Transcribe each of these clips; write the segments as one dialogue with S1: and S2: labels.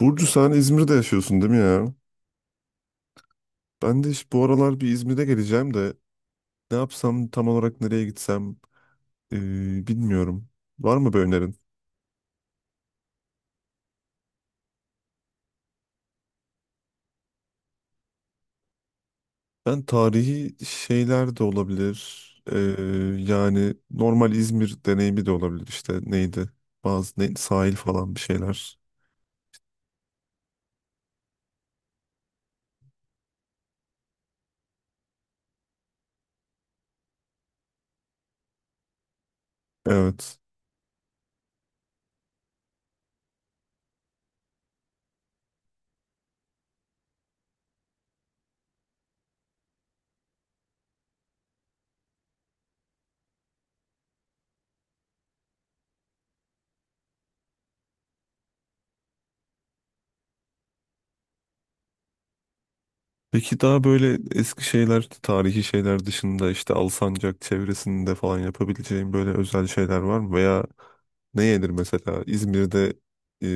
S1: Burcu sen İzmir'de yaşıyorsun değil mi ya? Ben de işte bu aralar bir İzmir'e geleceğim de ne yapsam tam olarak nereye gitsem bilmiyorum. Var mı bir önerin? Ben tarihi şeyler de olabilir. Yani normal İzmir deneyimi de olabilir işte neydi? Bazı ne, sahil falan bir şeyler. Evet. Peki daha böyle eski şeyler, tarihi şeyler dışında işte Alsancak çevresinde falan yapabileceğim böyle özel şeyler var mı? Veya ne yenir mesela? İzmir'de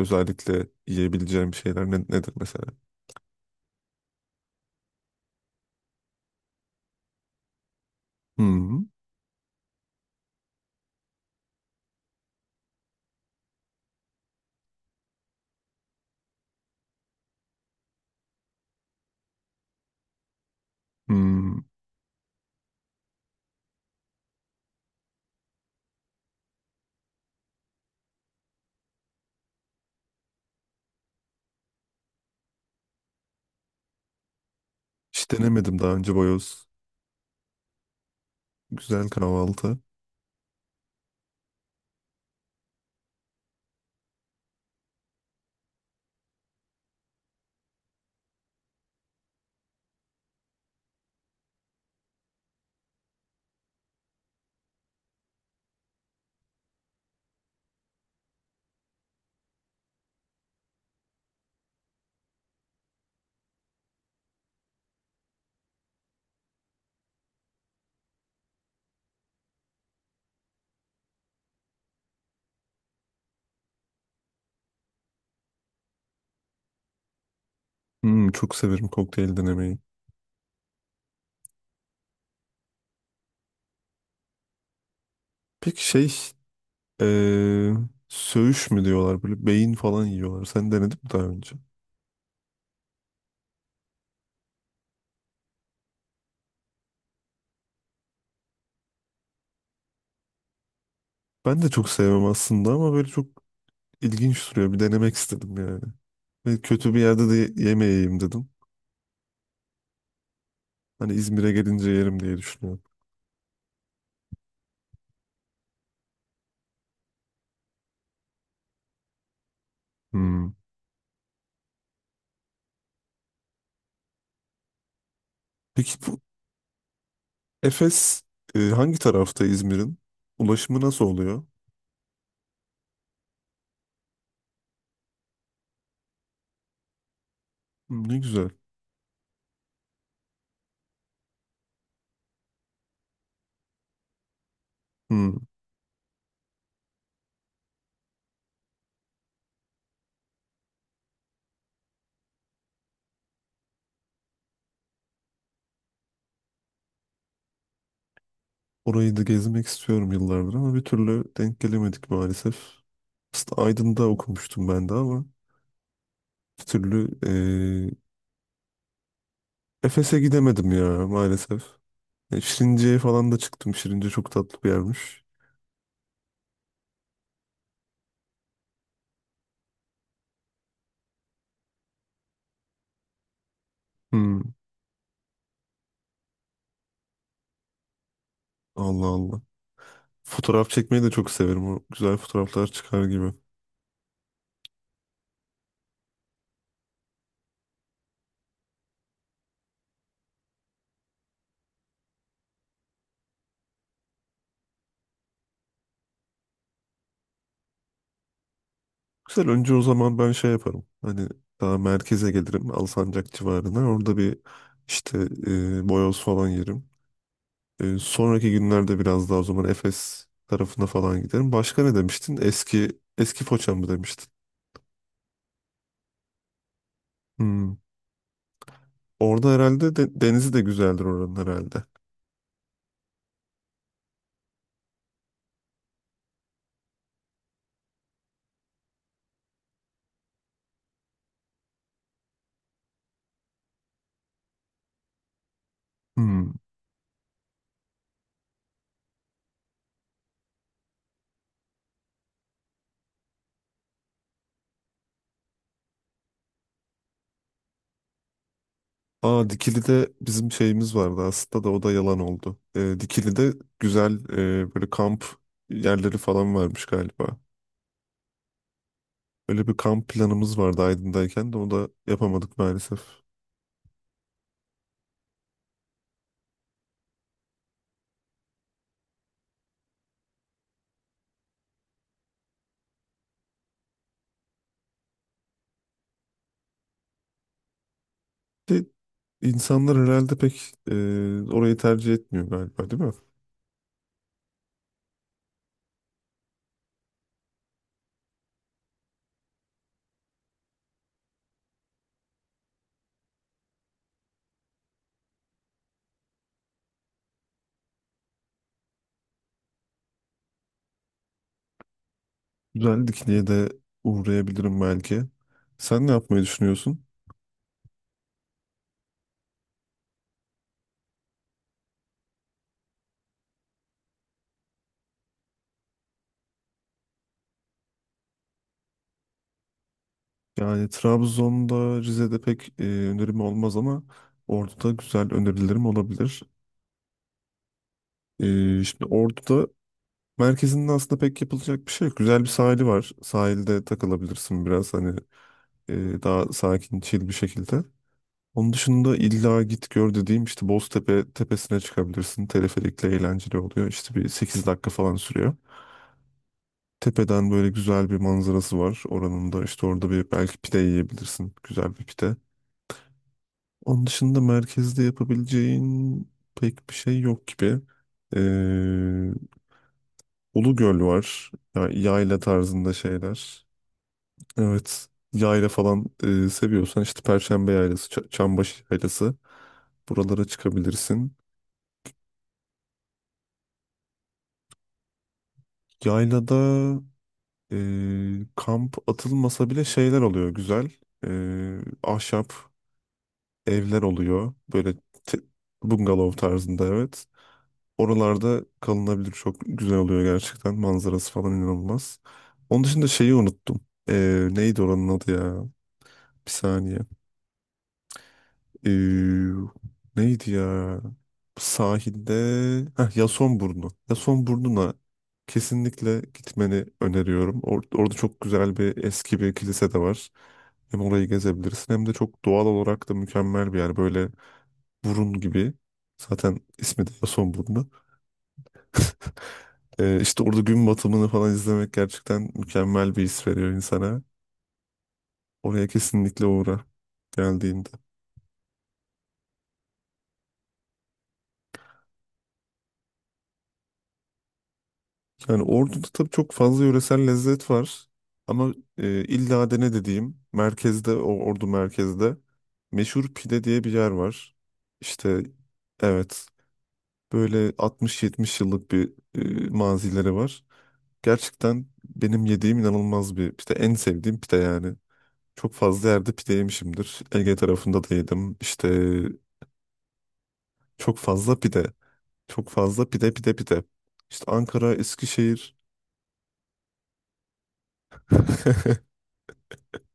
S1: özellikle yiyebileceğim şeyler nedir mesela? Hmm, hmm. Hiç denemedim daha önce boyoz. Güzel kahvaltı. Hmm, çok severim kokteyl denemeyi. Peki şey, e, söğüş mü diyorlar böyle beyin falan yiyorlar. Sen denedin mi daha önce? Ben de çok sevmem aslında ama böyle çok İlginç duruyor. Bir denemek istedim yani. Ve kötü bir yerde de yemeyeyim dedim. Hani İzmir'e gelince yerim diye düşünüyorum. Hmm. Peki bu Efes hangi tarafta İzmir'in? Ulaşımı nasıl oluyor? Hmm, ne güzel. Hmm. Orayı da gezmek istiyorum yıllardır ama bir türlü denk gelemedik maalesef. Aslında Aydın'da okumuştum ben de ama bir türlü Efes'e gidemedim ya maalesef. E, Şirince'ye falan da çıktım. Şirince çok tatlı bir yermiş. Hmm. Allah Allah. Fotoğraf çekmeyi de çok severim. O güzel fotoğraflar çıkar gibi. Güzel önce o zaman ben şey yaparım. Hani daha merkeze gelirim. Alsancak civarına. Orada bir işte boyoz falan yerim. E, sonraki günlerde biraz daha o zaman Efes tarafına falan giderim. Başka ne demiştin? Eski eski Foça mı demiştin? Hmm. Orada herhalde de, denizi de güzeldir oranın herhalde. Hmm. Aa, Dikili'de bizim şeyimiz vardı aslında da o da yalan oldu. Dikili'de güzel böyle kamp yerleri falan varmış galiba. Öyle bir kamp planımız vardı Aydın'dayken de onu da yapamadık maalesef. De, insanlar herhalde pek orayı tercih etmiyor galiba değil mi? Güzel, Dikili'ye de uğrayabilirim belki. Sen ne yapmayı düşünüyorsun? Yani Trabzon'da, Rize'de pek önerim olmaz ama Ordu'da güzel önerilerim olabilir. Şimdi Ordu'da merkezinde aslında pek yapılacak bir şey yok. Güzel bir sahili var. Sahilde takılabilirsin biraz hani daha sakin, chill bir şekilde. Onun dışında illa git gör dediğim işte Boztepe tepesine çıkabilirsin. Teleferikle eğlenceli oluyor. İşte bir 8 dakika falan sürüyor. Tepeden böyle güzel bir manzarası var oranın da. İşte orada bir belki pide yiyebilirsin. Güzel bir pide. Onun dışında merkezde yapabileceğin pek bir şey yok gibi. Ee, Ulugöl var. Yayla tarzında şeyler. Evet. Yayla falan seviyorsan işte Perşembe Yaylası, Çambaşı Yaylası, buralara çıkabilirsin. Yaylada kamp atılmasa bile şeyler oluyor güzel. E, ahşap evler oluyor. Böyle te- bungalov tarzında evet. Oralarda kalınabilir, çok güzel oluyor gerçekten. Manzarası falan inanılmaz. Onun dışında şeyi unuttum. E, neydi oranın adı ya? Bir saniye. Ee, Neydi ya? Sahilde heh, Yasonburnu. Yasonburnu'na kesinlikle gitmeni öneriyorum. Orada çok güzel bir eski bir kilise de var. Hem orayı gezebilirsin hem de çok doğal olarak da mükemmel bir yer. Böyle burun gibi. Zaten ismi de Yasonburnu. İşte orada gün batımını falan izlemek gerçekten mükemmel bir his veriyor insana. Oraya kesinlikle uğra geldiğinde. Yani Ordu'da tabii çok fazla yöresel lezzet var. Ama illa dene dediğim merkezde, o Ordu merkezde meşhur pide diye bir yer var. İşte evet, böyle 60-70 yıllık bir mazileri var. Gerçekten benim yediğim inanılmaz bir pide. En sevdiğim pide yani. Çok fazla yerde pide yemişimdir. Ege tarafında da yedim. İşte çok fazla pide. Çok fazla pide pide. İşte Ankara, Eskişehir.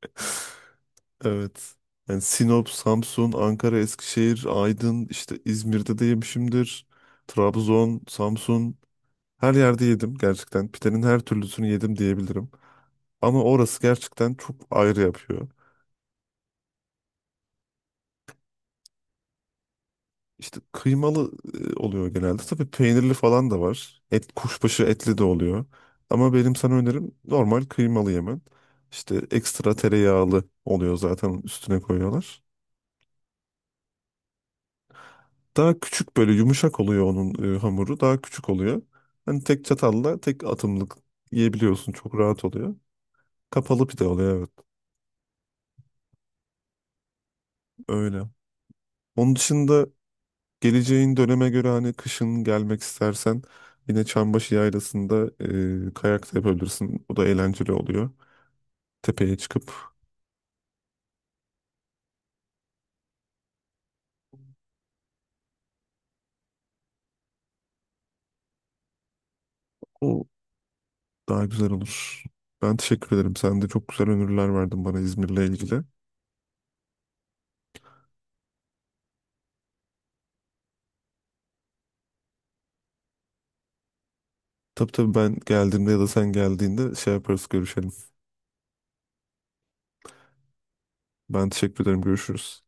S1: Evet. Yani Sinop, Samsun, Ankara, Eskişehir, Aydın, işte İzmir'de de yemişimdir. Trabzon, Samsun, her yerde yedim gerçekten. Pidenin her türlüsünü yedim diyebilirim. Ama orası gerçekten çok ayrı yapıyor. İşte kıymalı oluyor genelde. Tabii peynirli falan da var. Et, kuşbaşı etli de oluyor. Ama benim sana önerim normal kıymalı yemen. İşte ekstra tereyağlı oluyor zaten, üstüne koyuyorlar. Daha küçük, böyle yumuşak oluyor onun hamuru. Daha küçük oluyor. Hani tek çatalla tek atımlık yiyebiliyorsun. Çok rahat oluyor. Kapalı pide oluyor evet. Öyle. Onun dışında geleceğin döneme göre hani kışın gelmek istersen yine Çambaşı Yaylası'nda kayak da yapabilirsin. O da eğlenceli oluyor. Tepeye çıkıp o daha güzel olur. Ben teşekkür ederim. Sen de çok güzel öneriler verdin bana İzmir'le ilgili. Tabii tabii, ben geldiğimde ya da sen geldiğinde şey yaparız, görüşelim. Ben teşekkür ederim. Görüşürüz.